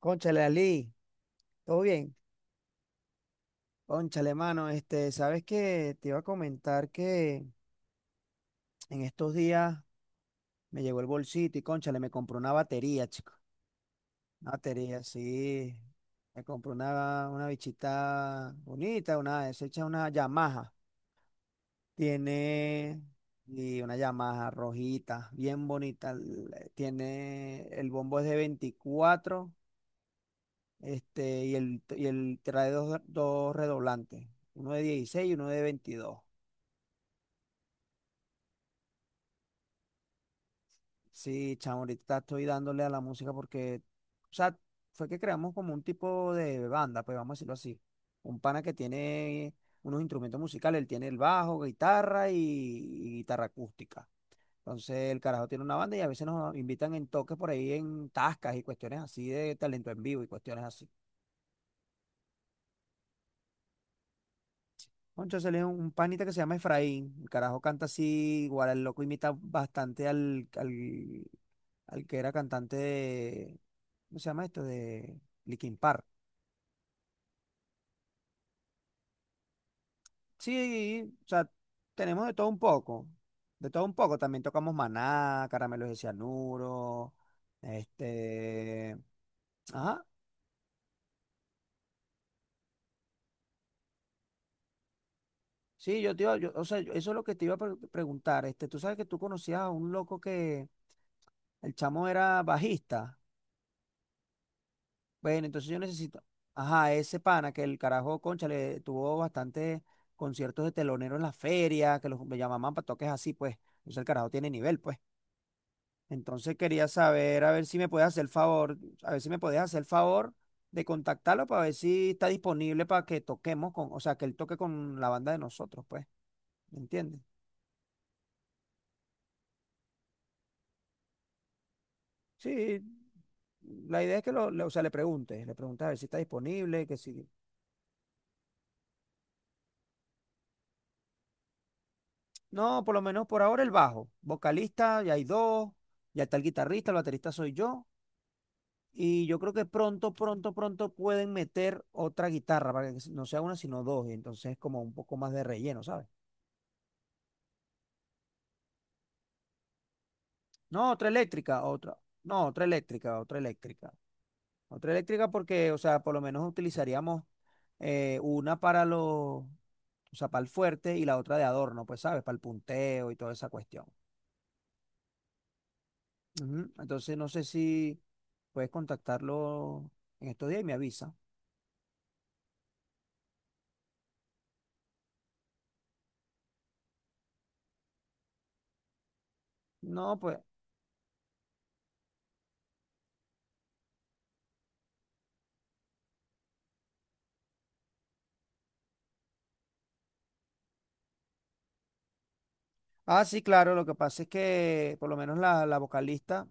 Cónchale, Ali, ¿todo bien? Cónchale, mano, ¿sabes qué? Te iba a comentar que en estos días me llegó el bolsito y cónchale, me compró una batería, chico. Una batería, sí. Me compró una bichita bonita, es hecha una Yamaha. Tiene, y una Yamaha rojita, bien bonita. Tiene, el bombo es de 24, y el trae dos redoblantes, uno de 16 y uno de 22. Sí, chamo, ahorita estoy dándole a la música porque, o sea, fue que creamos como un tipo de banda, pues vamos a decirlo así. Un pana que tiene unos instrumentos musicales, él tiene el bajo, guitarra y guitarra acústica. Entonces el carajo tiene una banda y a veces nos invitan en toques por ahí en tascas y cuestiones así de talento en vivo y cuestiones así. Entonces él es un panita que se llama Efraín. El carajo canta así, igual el loco imita bastante al que era cantante. ¿Cómo se llama esto? De Linkin Park. Sí, o sea, tenemos de todo un poco. De todo un poco. También tocamos Maná, Caramelos de Cianuro. Este. Ajá. Sí, yo te iba, yo, o sea, eso es lo que te iba a preguntar. Tú sabes que tú conocías a un loco que el chamo era bajista. Bueno, entonces yo necesito. Ajá, ese pana que el carajo, concha, le tuvo bastantes conciertos de telonero en la feria, que los me llamaban para toques así, pues. Entonces el carajo tiene nivel, pues. Entonces quería saber, a ver si me puedes hacer el favor, a ver si me puedes hacer el favor de contactarlo para ver si está disponible para que toquemos con, o sea, que él toque con la banda de nosotros, pues, ¿me entiendes? Sí, la idea es que o sea, le preguntes a ver si está disponible, que si... No, por lo menos por ahora el bajo, vocalista, ya hay dos, ya está el guitarrista, el baterista soy yo, y yo creo que pronto pueden meter otra guitarra, para que no sea una, sino dos, y entonces como un poco más de relleno, ¿sabes? No, otra eléctrica, otra. No, otra eléctrica, otra eléctrica. Otra eléctrica porque, o sea, por lo menos utilizaríamos una para los, o sea, para el fuerte y la otra de adorno, pues, ¿sabes? Para el punteo y toda esa cuestión. Ujú. Entonces, no sé si puedes contactarlo en estos días y me avisa. No, pues. Ah, sí, claro, lo que pasa es que por lo menos la vocalista,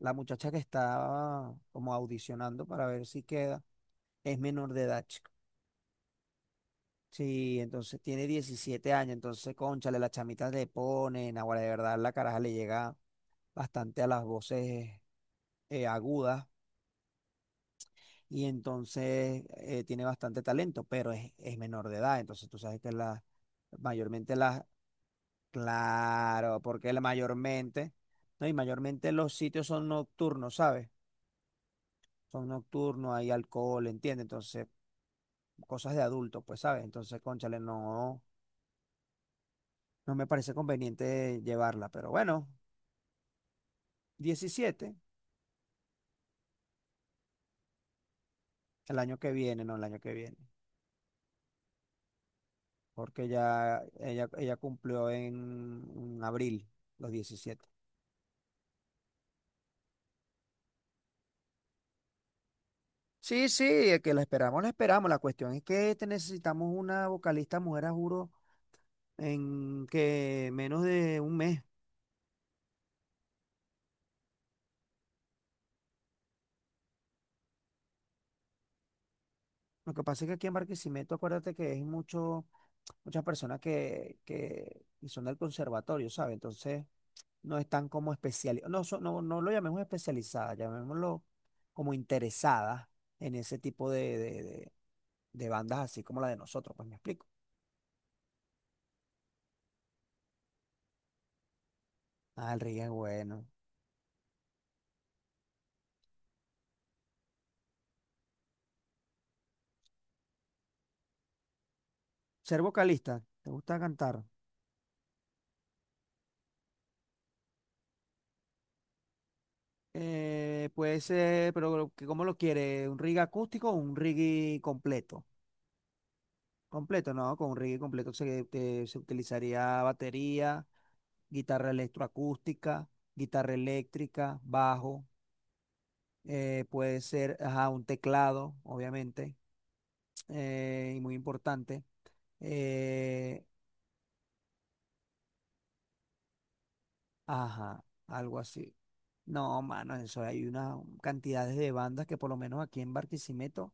la muchacha que está como audicionando para ver si queda, es menor de edad. Sí, entonces tiene 17 años, entonces, cónchale, la chamita le ponen, ahora de verdad la caraja le llega bastante a las voces agudas y entonces tiene bastante talento, pero es menor de edad, entonces tú sabes que la, mayormente las, claro, porque la mayormente, no, y mayormente los sitios son nocturnos, ¿sabes? Son nocturnos, hay alcohol, ¿entiendes? Entonces, cosas de adulto, pues, ¿sabes? Entonces, cónchale, no, no me parece conveniente llevarla, pero bueno, 17 el año que viene, no el año que viene, porque ya ella cumplió en abril los 17. Sí, sí, que la esperamos, la esperamos. La cuestión es que te necesitamos una vocalista mujer, a juro, en que menos de un mes. Lo que pasa es que aquí en Barquisimeto, acuérdate que hay muchas personas que son del conservatorio, ¿sabes? Entonces, no están como especializadas, no, no, no lo llamemos especializadas, llamémoslo como interesadas en ese tipo de bandas así como la de nosotros, pues me explico. Ah, el reggae es bueno. Ser vocalista, ¿te gusta cantar? Puede ser, pero ¿cómo lo quiere? ¿Un reggae acústico o un reggae completo? Completo, no, con un reggae completo se utilizaría batería, guitarra electroacústica, guitarra eléctrica, bajo. Puede ser ajá, un teclado, obviamente, y muy importante. eh, ajá, algo así. No, mano, eso hay unas cantidades de bandas que por lo menos aquí en Barquisimeto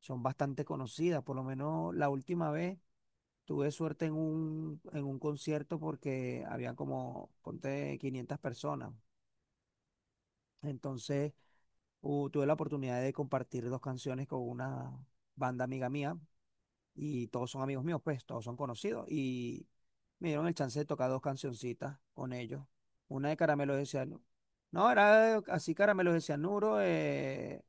son bastante conocidas. Por lo menos la última vez tuve suerte en en un concierto porque había como, ponte, 500 personas. Entonces, tuve la oportunidad de compartir dos canciones con una banda amiga mía y todos son amigos míos, pues todos son conocidos. Y me dieron el chance de tocar dos cancioncitas con ellos. Una de Caramelos de Cianuro. No, era así Caramelos de Cianuro,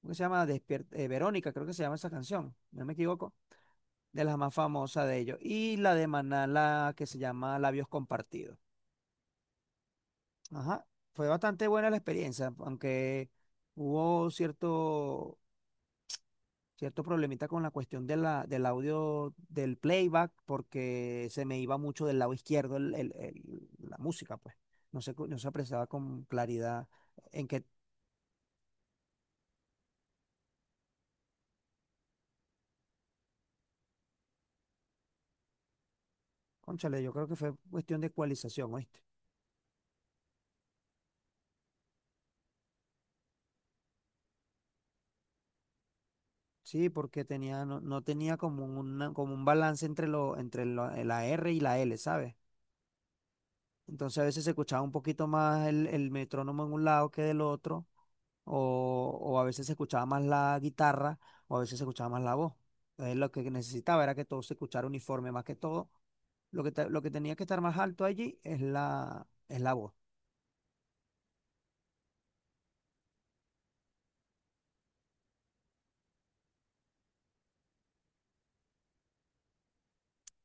¿cómo que se llama? Verónica, creo que se llama esa canción, si no me equivoco, de las más famosas de ellos. Y la de Maná, la que se llama Labios Compartidos. Ajá, fue bastante buena la experiencia, aunque hubo cierto problemita con la cuestión de del audio del playback, porque se me iba mucho del lado izquierdo la música, pues. No se, no se apreciaba con claridad en que, cónchale, yo creo que fue cuestión de ecualización, ¿oíste? Sí, porque tenía, no, no tenía como, una, como un balance entre, lo, la R y la L, ¿sabes? Entonces a veces se escuchaba un poquito más el metrónomo en un lado que del otro o a veces se escuchaba más la guitarra o a veces se escuchaba más la voz. Entonces lo que necesitaba era que todo se escuchara uniforme más que todo. Lo que, lo que tenía que estar más alto allí es la voz,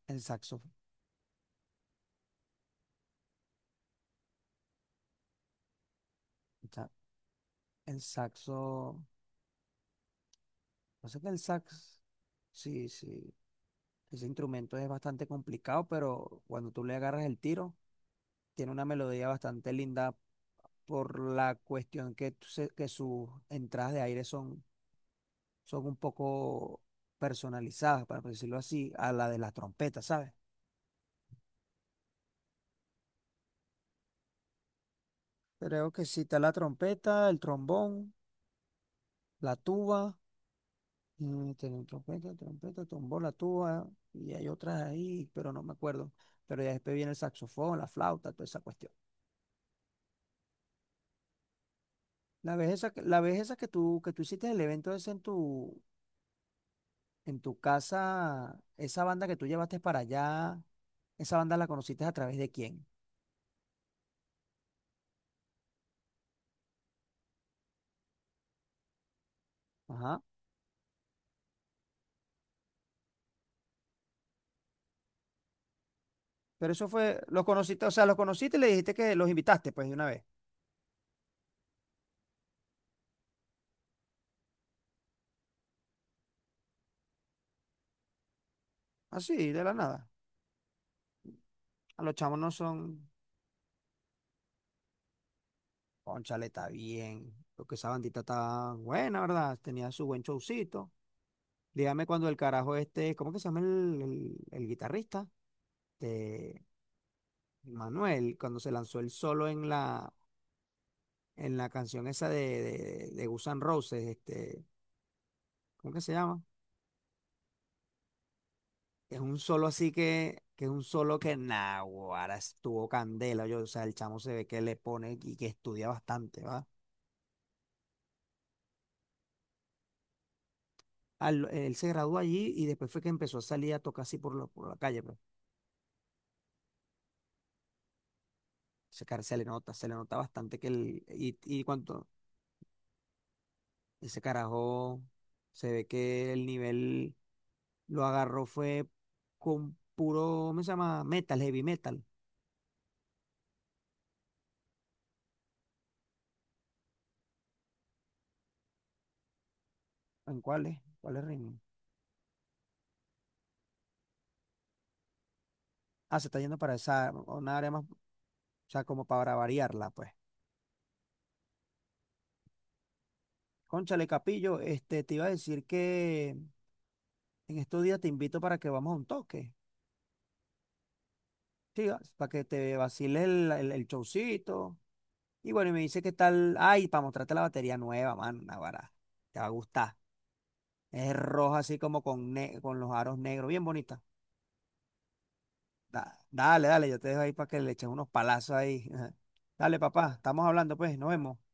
el saxo. El sa- el saxo, no sé qué el sax, sí, sí, ese instrumento es bastante complicado, pero cuando tú le agarras el tiro, tiene una melodía bastante linda por la cuestión que, que sus entradas de aire son son un poco personalizadas, para decirlo así, a la de las trompetas, ¿sabes? Creo que sí está la trompeta, el trombón, la tuba, tiene trompeta, trombón, la tuba, y hay otras ahí, pero no me acuerdo. Pero ya después viene el saxofón, la flauta, toda esa cuestión. La vez esa, la vez esa que tú hiciste el evento ese en tu casa, esa banda que tú llevaste para allá, esa banda la conociste ¿a través de quién? Ajá. Pero eso fue, los conociste, o sea, los conociste y le dijiste que los invitaste, pues, de una vez. Así, de la nada. A los chamos no son, cónchale, está bien. Porque esa bandita está buena, ¿verdad? Tenía su buen showcito. Dígame cuando el carajo este, ¿cómo que se llama el guitarrista? De Manuel, cuando se lanzó el solo en la canción esa de Guns N' Roses, ¿cómo que se llama? Es un solo así que es un solo que nah, ahora estuvo candela. Yo, o sea, el chamo se ve que le pone y que estudia bastante, ¿va? Él se graduó allí y después fue que empezó a salir a tocar así por, por la calle, pero ese cara se le nota bastante que el, y cuanto ese carajo se ve que el nivel lo agarró fue con puro, ¿cómo se llama? Metal, heavy metal. ¿En cuáles? ¿Cuáles ritmos? Ah, se está yendo para esa, una área más, o sea, como para variarla, pues. Cónchale, Capillo, te iba a decir que en estos días te invito para que vamos a un toque, ¿sí? Para que te vacile el showcito. Y bueno, y me dice qué tal, ay, para mostrarte la batería nueva, man, Naguará, te va a gustar. Es roja así como con, con los aros negros, bien bonita. Dale, dale, yo te dejo ahí para que le eches unos palazos ahí. Dale, papá, estamos hablando, pues, nos vemos.